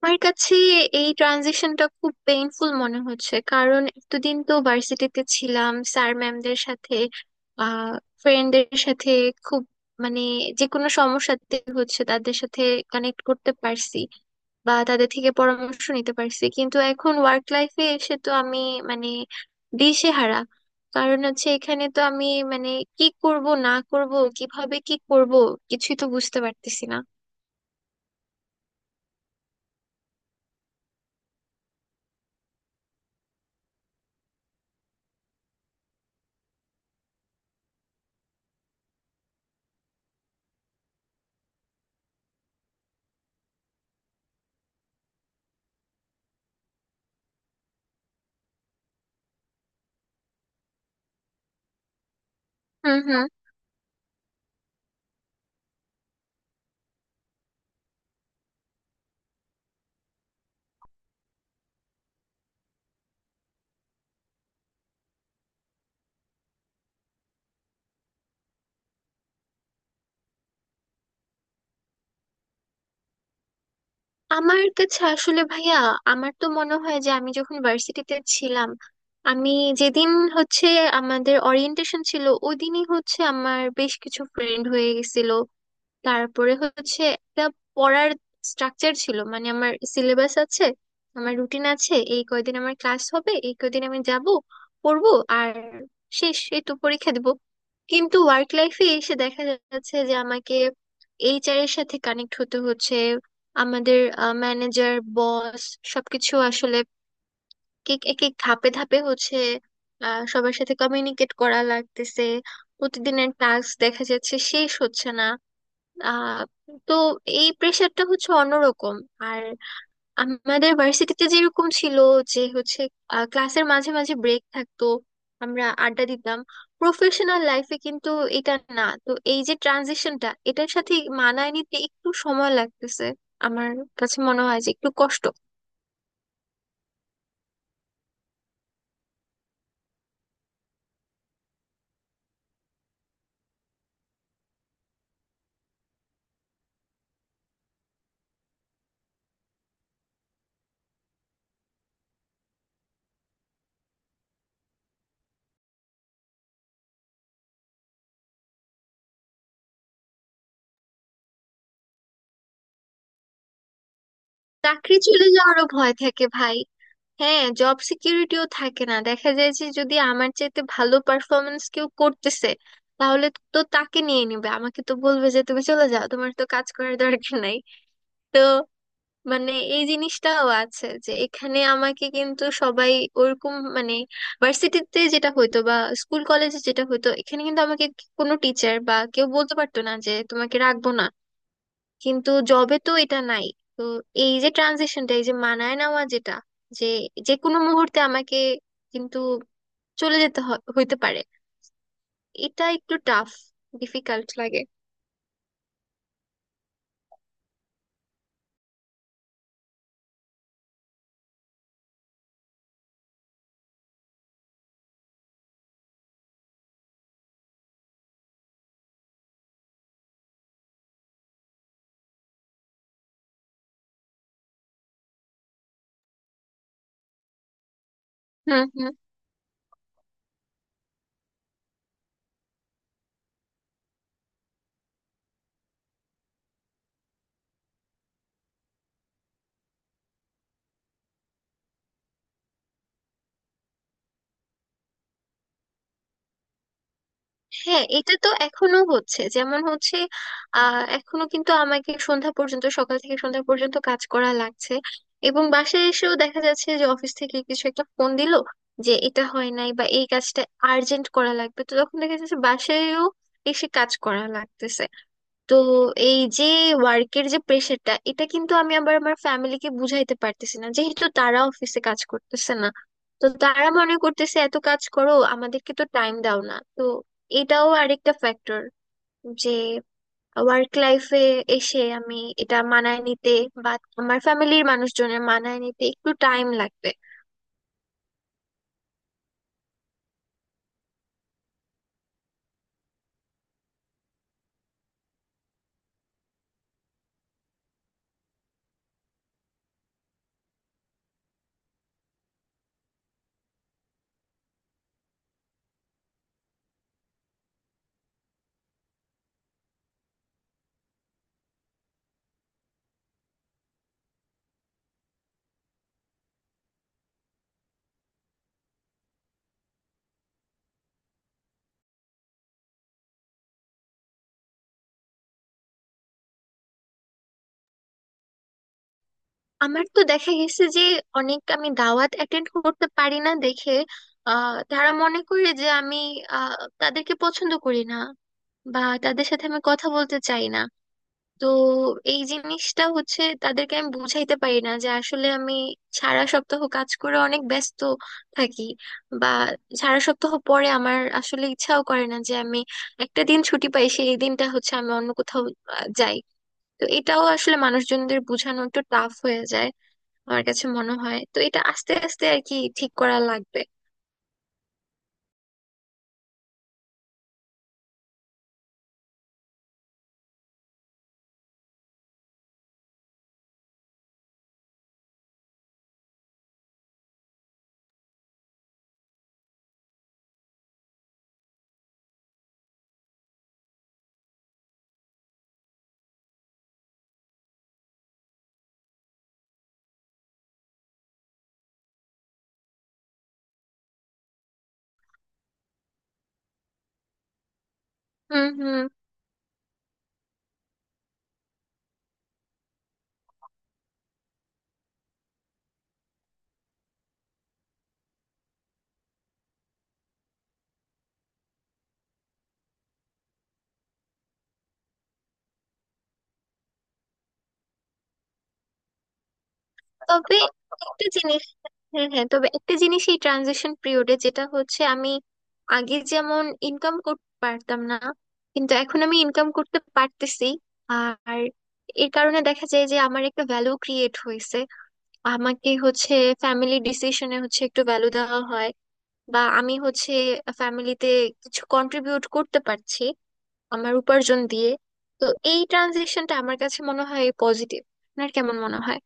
আমার কাছে এই ট্রানজিশনটা খুব পেইনফুল মনে হচ্ছে। কারণ এতদিন তো ভার্সিটিতে ছিলাম, স্যার ম্যামদের সাথে, আহ ফ্রেন্ডদের সাথে, খুব, মানে যে কোনো সমস্যাতে হচ্ছে তাদের সাথে কানেক্ট করতে পারছি বা তাদের থেকে পরামর্শ নিতে পারছি। কিন্তু এখন ওয়ার্ক লাইফে এসে তো আমি, মানে, দিশেহারা। কারণ হচ্ছে এখানে তো আমি, মানে, কি করব না করব, কিভাবে কি করব, কিছুই তো বুঝতে পারতেছি না। হুম হুম। আমার কাছে আসলে ভাইয়া, আমার তো মনে হয় যে আমি যখন ভার্সিটিতে ছিলাম, আমি যেদিন হচ্ছে আমাদের ওরিয়েন্টেশন ছিল ওই দিনই হচ্ছে আমার বেশ কিছু ফ্রেন্ড হয়ে গেছিল। তারপরে হচ্ছে একটা পড়ার স্ট্রাকচার ছিল, মানে আমার সিলেবাস আছে, আমার রুটিন আছে, এই কয়দিন আমার ক্লাস হবে, এই কয়দিন আমি যাব, পড়বো, আর শেষ এই তো পরীক্ষা দিব। কিন্তু ওয়ার্ক লাইফে এসে দেখা যাচ্ছে যে আমাকে এইচআর এর সাথে কানেক্ট হতে হচ্ছে, আমাদের ম্যানেজার, বস, সবকিছু আসলে এক এক এক ধাপে ধাপে হচ্ছে। সবার সাথে কমিউনিকেট করা লাগতেছে, প্রতিদিনের টাস্ক দেখা যাচ্ছে শেষ হচ্ছে না। আহ তো এই প্রেশারটা হচ্ছে অন্যরকম। আর আমাদের ভার্সিটিতে যেরকম ছিল, যে হচ্ছে ক্লাসের মাঝে মাঝে ব্রেক থাকতো, আমরা আড্ডা দিতাম। প্রফেশনাল লাইফে কিন্তু এটা না। তো এই যে ট্রানজিশনটা, এটার সাথে মানায় নিতে একটু সময় লাগতেছে, আমার কাছে মনে হয় যে একটু কষ্ট। চাকরি চলে যাওয়ারও ভয় থাকে ভাই। হ্যাঁ, জব সিকিউরিটিও থাকে না। দেখা যায় যে যদি আমার চাইতে ভালো পারফরমেন্স কেউ করতেছে, তাহলে তো তাকে নিয়ে নিবে, আমাকে তো বলবে যে তুমি চলে যাও, তোমার তো কাজ করার দরকার নাই। তো মানে এই জিনিসটাও আছে যে এখানে আমাকে কিন্তু সবাই ওরকম, মানে ভার্সিটিতে যেটা হইতো বা স্কুল কলেজে যেটা হইতো, এখানে কিন্তু আমাকে কোনো টিচার বা কেউ বলতে পারতো না যে তোমাকে রাখবো না। কিন্তু জবে তো এটা নাই। তো এই যে ট্রানজিশনটা, এই যে মানায় নেওয়া, যেটা যে যে কোনো মুহূর্তে আমাকে কিন্তু চলে যেতে হইতে পারে, এটা একটু টাফ, ডিফিকাল্ট লাগে। হুম হুম। হ্যাঁ, এটা তো এখনো হচ্ছে, যেমন হচ্ছে এখনো কিন্তু আমাকে সন্ধ্যা পর্যন্ত, সকাল থেকে সন্ধ্যা পর্যন্ত কাজ করা লাগছে। এবং বাসায় এসেও দেখা যাচ্ছে যে অফিস থেকে কিছু একটা ফোন দিল যে এটা হয় নাই বা এই কাজটা আর্জেন্ট করা লাগবে, তো তখন দেখা যাচ্ছে বাসায়ও এসে কাজ করা লাগতেছে। তো এই যে ওয়ার্কের যে প্রেশারটা, এটা কিন্তু আমি আবার আমার ফ্যামিলিকে বুঝাইতে পারতেছি না, যেহেতু তারা অফিসে কাজ করতেছে না। তো তারা মনে করতেছে এত কাজ করো, আমাদেরকে তো টাইম দাও না। তো এটাও আরেকটা ফ্যাক্টর যে ওয়ার্ক লাইফে এসে আমি এটা মানায় নিতে বা আমার ফ্যামিলির মানুষজনের মানায় নিতে একটু টাইম লাগবে। আমার তো দেখা গেছে যে অনেক আমি দাওয়াত অ্যাটেন্ড করতে পারি না দেখে তারা মনে করে যে আমি আহ তাদেরকে পছন্দ করি না বা তাদের সাথে আমি কথা বলতে চাই না। তো এই জিনিসটা হচ্ছে তাদেরকে আমি বুঝাইতে পারি না যে আসলে আমি সারা সপ্তাহ কাজ করে অনেক ব্যস্ত থাকি, বা সারা সপ্তাহ পরে আমার আসলে ইচ্ছাও করে না যে আমি, একটা দিন ছুটি পাই সেই দিনটা হচ্ছে আমি অন্য কোথাও যাই। তো এটাও আসলে মানুষজনদের বোঝানো একটু টাফ হয়ে যায়। আমার কাছে মনে হয় তো এটা আস্তে আস্তে আর কি ঠিক করা লাগবে। হুম হুম। তবে একটা জিনিস, হ্যাঁ হ্যাঁ, তবে একটা জিনিস এই ট্রানজিশন পিরিয়ডে যেটা হচ্ছে, আমি আগে যেমন ইনকাম করতে পারতাম না, কিন্তু এখন আমি ইনকাম করতে পারতেছি। আর এর কারণে দেখা যায় যে আমার একটা ভ্যালু ক্রিয়েট হয়েছে, আমাকে হচ্ছে ফ্যামিলি ডিসিশনে হচ্ছে একটু ভ্যালু দেওয়া হয়, বা আমি হচ্ছে ফ্যামিলিতে কিছু কন্ট্রিবিউট করতে পারছি আমার উপার্জন দিয়ে। তো এই ট্রানজিশনটা আমার কাছে মনে হয় পজিটিভ। আপনার কেমন মনে হয়?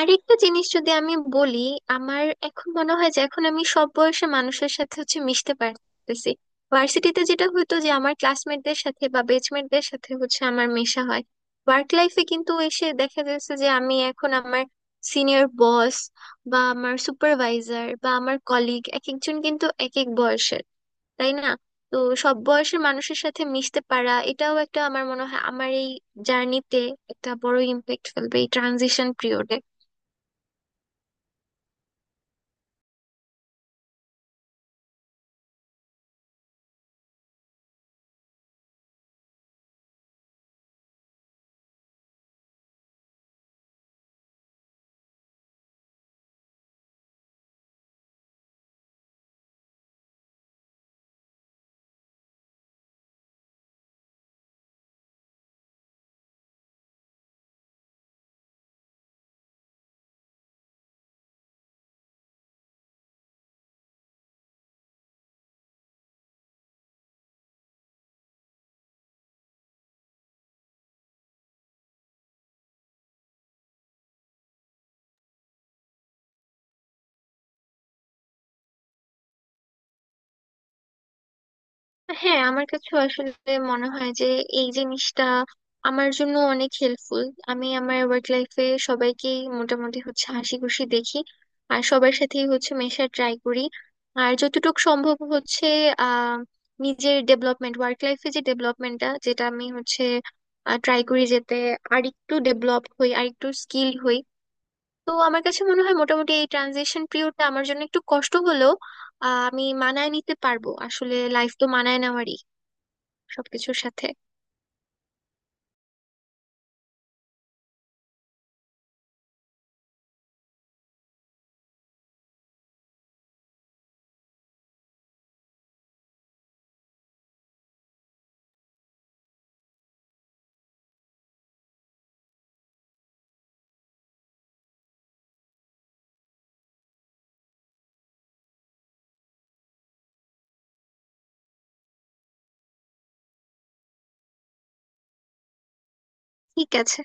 আরেকটা জিনিস যদি আমি বলি, আমার এখন মনে হয় যে এখন আমি সব বয়সের মানুষের সাথে হচ্ছে মিশতে পারতেছি। ভার্সিটিতে যেটা হতো, যে আমার ক্লাসমেটদের সাথে বা বেচমেটদের সাথে হচ্ছে আমার মেশা হয়। ওয়ার্ক লাইফে কিন্তু এসে দেখা যাচ্ছে যে আমি এখন আমার সিনিয়র বস বা আমার সুপারভাইজার বা আমার কলিগ, এক একজন কিন্তু এক এক বয়সের, তাই না? তো সব বয়সের মানুষের সাথে মিশতে পারা, এটাও একটা, আমার মনে হয় আমার এই জার্নিতে একটা বড় ইম্প্যাক্ট ফেলবে এই ট্রানজিশন পিরিয়ডে। হ্যাঁ, আমার কাছে আসলে মনে হয় যে এই জিনিসটা আমার জন্য অনেক হেল্পফুল। আমি আমার ওয়ার্ক লাইফে সবাইকেই মোটামুটি হচ্ছে হাসি খুশি দেখি, আর সবার সাথেই হচ্ছে মেশার ট্রাই করি। আর যতটুকু সম্ভব হচ্ছে আহ নিজের ডেভেলপমেন্ট, ওয়ার্ক লাইফে যে ডেভেলপমেন্টটা, যেটা আমি হচ্ছে ট্রাই করি যেতে আরেকটু ডেভেলপ হই, আরেকটু স্কিল হই। তো আমার কাছে মনে হয় মোটামুটি এই ট্রানজিশন পিরিয়ডটা আমার জন্য একটু কষ্ট হলেও আমি মানায় নিতে পারবো। আসলে লাইফ তো মানায় নেওয়ারই সবকিছুর সাথে। ঠিক আছে।